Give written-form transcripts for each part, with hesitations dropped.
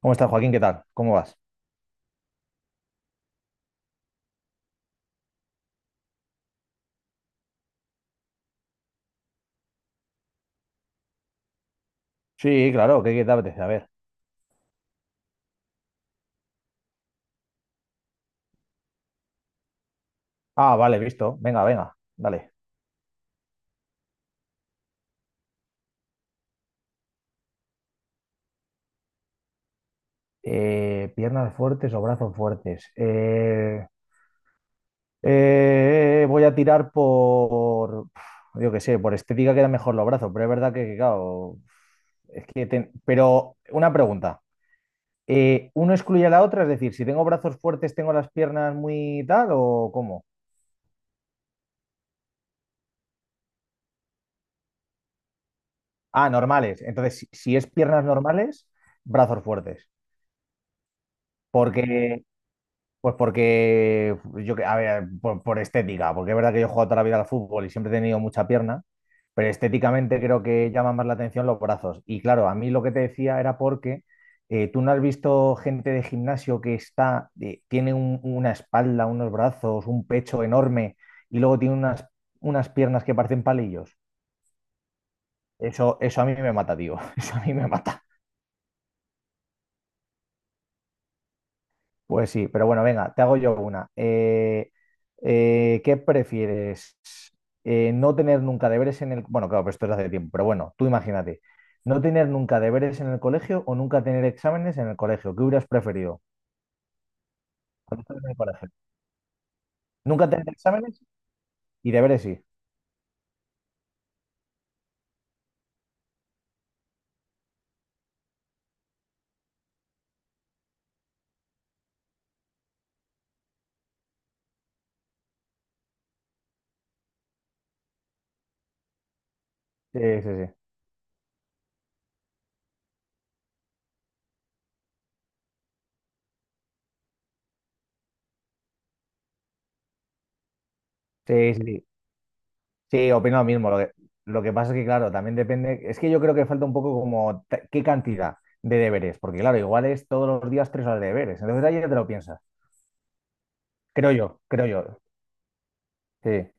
¿Cómo estás, Joaquín? ¿Qué tal? ¿Cómo vas? Sí, claro, ¿qué te apetece? A ver. Ah, vale, visto. Venga, venga, dale. Piernas fuertes o brazos fuertes. Voy a tirar por, pf, yo qué sé, por estética quedan mejor los brazos, pero es verdad que, claro, es que, pero una pregunta. ¿Uno excluye a la otra? Es decir, si tengo brazos fuertes, ¿tengo las piernas muy tal o cómo? Ah, normales. Entonces, si es piernas normales, brazos fuertes. Porque, pues porque, yo, a ver, por estética, porque es verdad que yo he jugado toda la vida al fútbol y siempre he tenido mucha pierna, pero estéticamente creo que llama más la atención los brazos. Y claro, a mí lo que te decía era porque tú no has visto gente de gimnasio que está, tiene una espalda, unos brazos, un pecho enorme y luego tiene unas piernas que parecen palillos. Eso a mí me mata, tío. Eso a mí me mata. Pues sí, pero bueno, venga, te hago yo una. ¿Qué prefieres? No tener nunca deberes en el... Bueno, claro, pero esto es hace tiempo, pero bueno, tú imagínate. ¿No tener nunca deberes en el colegio o nunca tener exámenes en el colegio? ¿Qué hubieras preferido? Cuando estabas en el colegio. Nunca tener exámenes y deberes sí. Sí, sí, sí. Sí, sí, sí. Sí, opino lo mismo. Lo que pasa es que, claro, también depende... Es que yo creo que falta un poco como qué cantidad de deberes, porque claro, igual es todos los días tres horas de deberes. Entonces ahí ya te lo piensas. Creo yo, creo yo. Sí,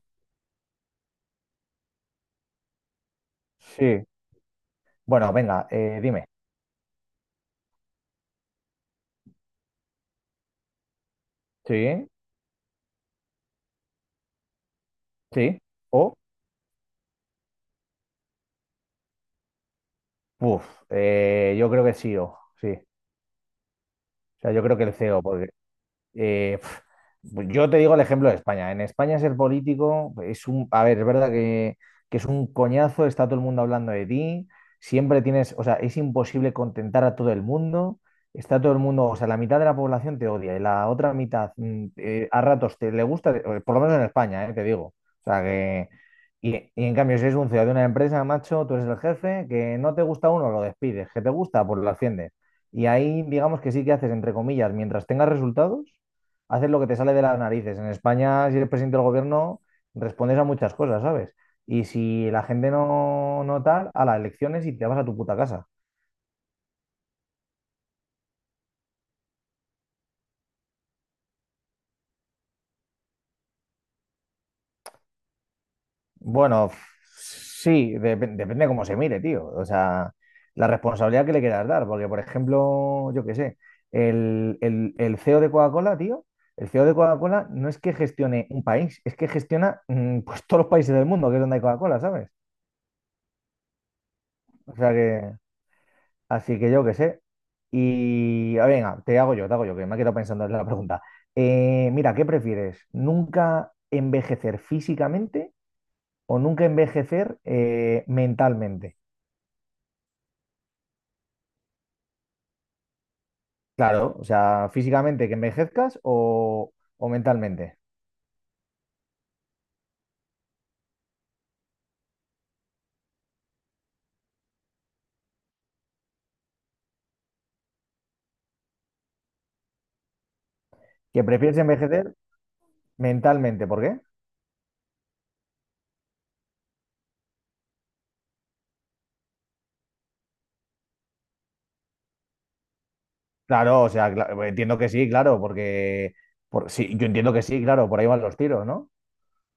sí. Bueno, venga, dime. Sí, sí. O, puf, yo creo que sí, o sí. O sea, yo creo que el CEO. Pf, yo te digo el ejemplo de España. En España ser político es un, a ver, es verdad que es un coñazo, está todo el mundo hablando de ti, siempre tienes, o sea, es imposible contentar a todo el mundo, está todo el mundo, o sea, la mitad de la población te odia y la otra mitad a ratos te le gusta, por lo menos en España, te digo. O sea, que... y en cambio, si eres un ciudadano de una empresa, macho, tú eres el jefe, que no te gusta uno, lo despides, que te gusta, pues lo asciendes. Y ahí, digamos que sí que haces, entre comillas, mientras tengas resultados, haces lo que te sale de las narices. En España, si eres presidente del gobierno, respondes a muchas cosas, ¿sabes? Y si la gente no, no tal, a las elecciones y te vas a tu puta casa. Bueno, sí, depende de cómo se mire, tío. O sea, la responsabilidad que le quieras dar. Porque, por ejemplo, yo qué sé, el CEO de Coca-Cola, tío, el CEO de Coca-Cola no es que gestione un país, es que gestiona pues todos los países del mundo, que es donde hay Coca-Cola, ¿sabes? O sea que... Así que yo qué sé. Y venga, te hago yo, que me he quedado pensando en la pregunta. Mira, ¿qué prefieres? ¿Nunca envejecer físicamente o nunca envejecer mentalmente? Claro, o sea, físicamente que envejezcas o mentalmente. ¿Que prefieres envejecer mentalmente? ¿Por qué? Claro, o sea, entiendo que sí, claro, porque por, sí, yo entiendo que sí, claro, por ahí van los tiros, ¿no?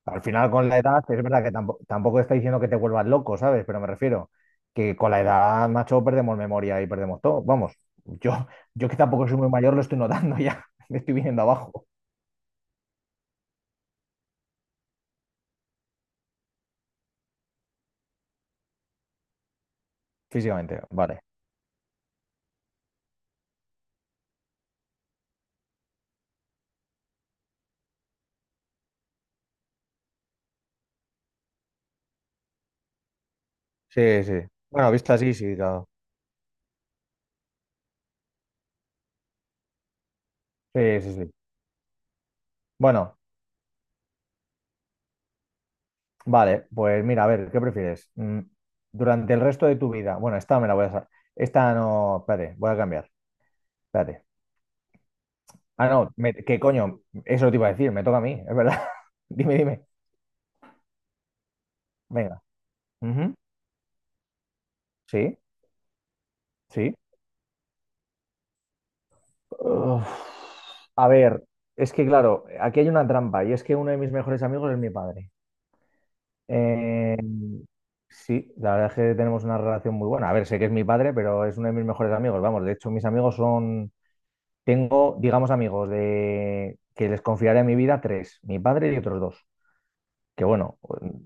Al final, con la edad, es verdad que tampoco, tampoco está diciendo que te vuelvas loco, ¿sabes? Pero me refiero que con la edad, macho, perdemos memoria y perdemos todo. Vamos, yo, yo que tampoco soy muy mayor, lo estoy notando ya. Me estoy viniendo abajo físicamente. Vale. Sí, sí. Bueno, visto así, sí, claro. Sí, sí, sí. Bueno, vale, pues mira, a ver, ¿qué prefieres? Durante el resto de tu vida. Bueno, esta me la voy a esta no. Espérate, voy a cambiar. Espérate. Ah, no, ¿qué coño? Eso te iba a decir, me toca a mí, es verdad. Dime, dime. Venga. Ujú. Sí, sí. Uf, a ver, es que claro, aquí hay una trampa y es que uno de mis mejores amigos es mi padre. Eh, sí, la verdad es que tenemos una relación muy buena. A ver, sé que es mi padre, pero es uno de mis mejores amigos. Vamos, de hecho, tengo, digamos, amigos de que les confiaré mi vida tres, mi padre y otros dos. Que bueno,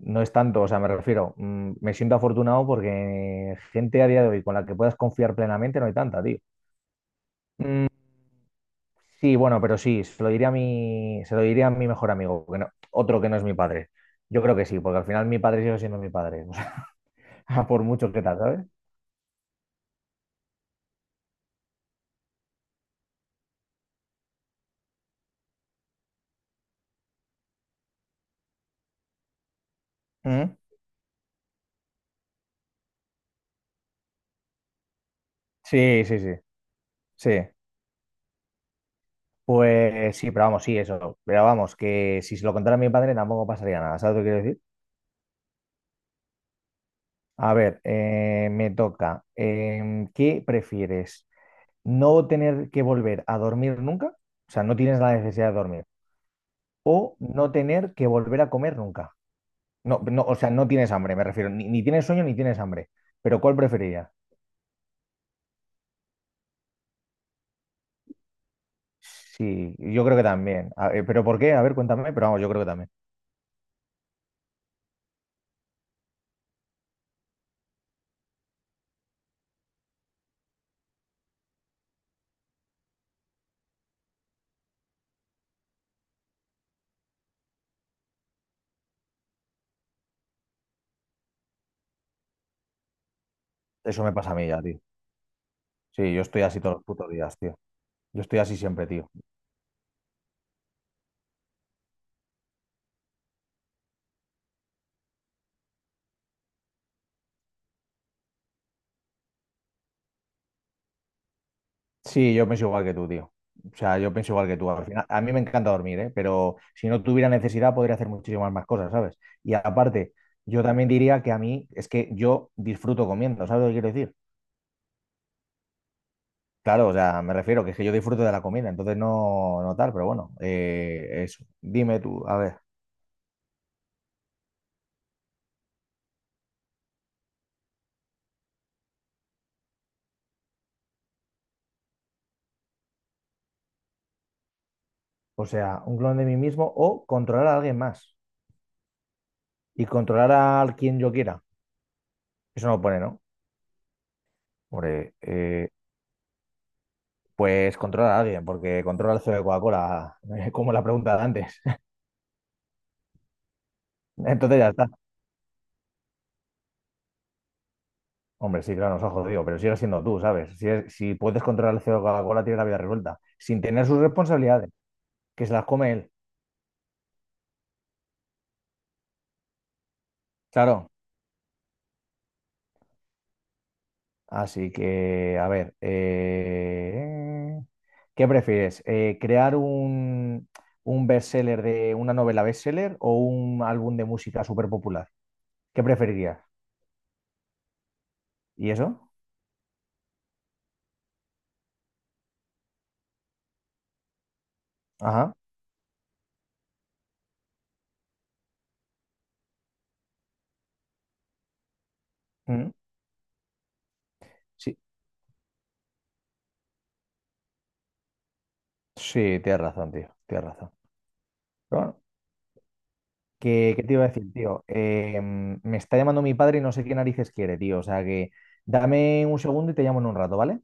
no es tanto, o sea, me refiero, me siento afortunado porque gente a día de hoy con la que puedas confiar plenamente no hay tanta, tío. Sí, bueno, pero sí, se lo diría a mi mejor amigo, que no- otro que no es mi padre. Yo creo que sí, porque al final mi padre sigue siendo mi padre, o sea, a por mucho que tal, ¿sabes? ¿Mm? Sí, sí, sí. Pues sí, pero vamos, sí, eso. Pero vamos, que si se lo contara a mi padre tampoco pasaría nada, ¿sabes lo que quiero decir? A ver, me toca. ¿Qué prefieres? ¿No tener que volver a dormir nunca? O sea, no tienes la necesidad de dormir. ¿O no tener que volver a comer nunca? No, no, o sea, no tienes hambre, me refiero. Ni tienes sueño ni tienes hambre. Pero ¿cuál preferirías? Sí, yo creo que también. A ver, ¿pero por qué? A ver, cuéntame, pero vamos, yo creo que también. Eso me pasa a mí ya, tío. Sí, yo estoy así todos los putos días, tío. Yo estoy así siempre, tío. Sí, yo pienso igual que tú, tío. O sea, yo pienso igual que tú. Al final, a mí me encanta dormir, ¿eh? Pero si no tuviera necesidad, podría hacer muchísimas más cosas, ¿sabes? Y aparte, yo también diría que a mí es que yo disfruto comiendo, ¿sabes lo que quiero decir? Claro, o sea, me refiero que es que yo disfruto de la comida, entonces no, no tal, pero bueno, eso. Dime tú, a ver, o sea, un clon de mí mismo o controlar a alguien más y controlar a quien yo quiera. Eso no lo pone, ¿no? Hombre, pues controlar a alguien, porque controla el CEO de Coca-Cola, como la pregunta de antes. Entonces ya está. Hombre, sí, claro, nos ha jodido, pero sigue siendo tú, ¿sabes? Si, si puedes controlar el CEO de Coca-Cola, tienes la vida resuelta, sin tener sus responsabilidades, que se las come él. Claro. Así que, a ver, ¿qué prefieres? ¿Crear un bestseller de una novela bestseller o un álbum de música súper popular? ¿Qué preferirías? ¿Y eso? Ajá. mm, Sí, sí, tienes razón, tío, tienes razón. Pero bueno, qué te iba a decir, tío? Me está llamando mi padre y no sé qué narices quiere, tío. O sea que dame un segundo y te llamo en un rato, ¿vale?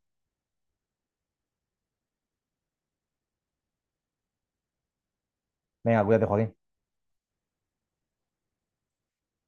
Venga, cuídate, Joaquín.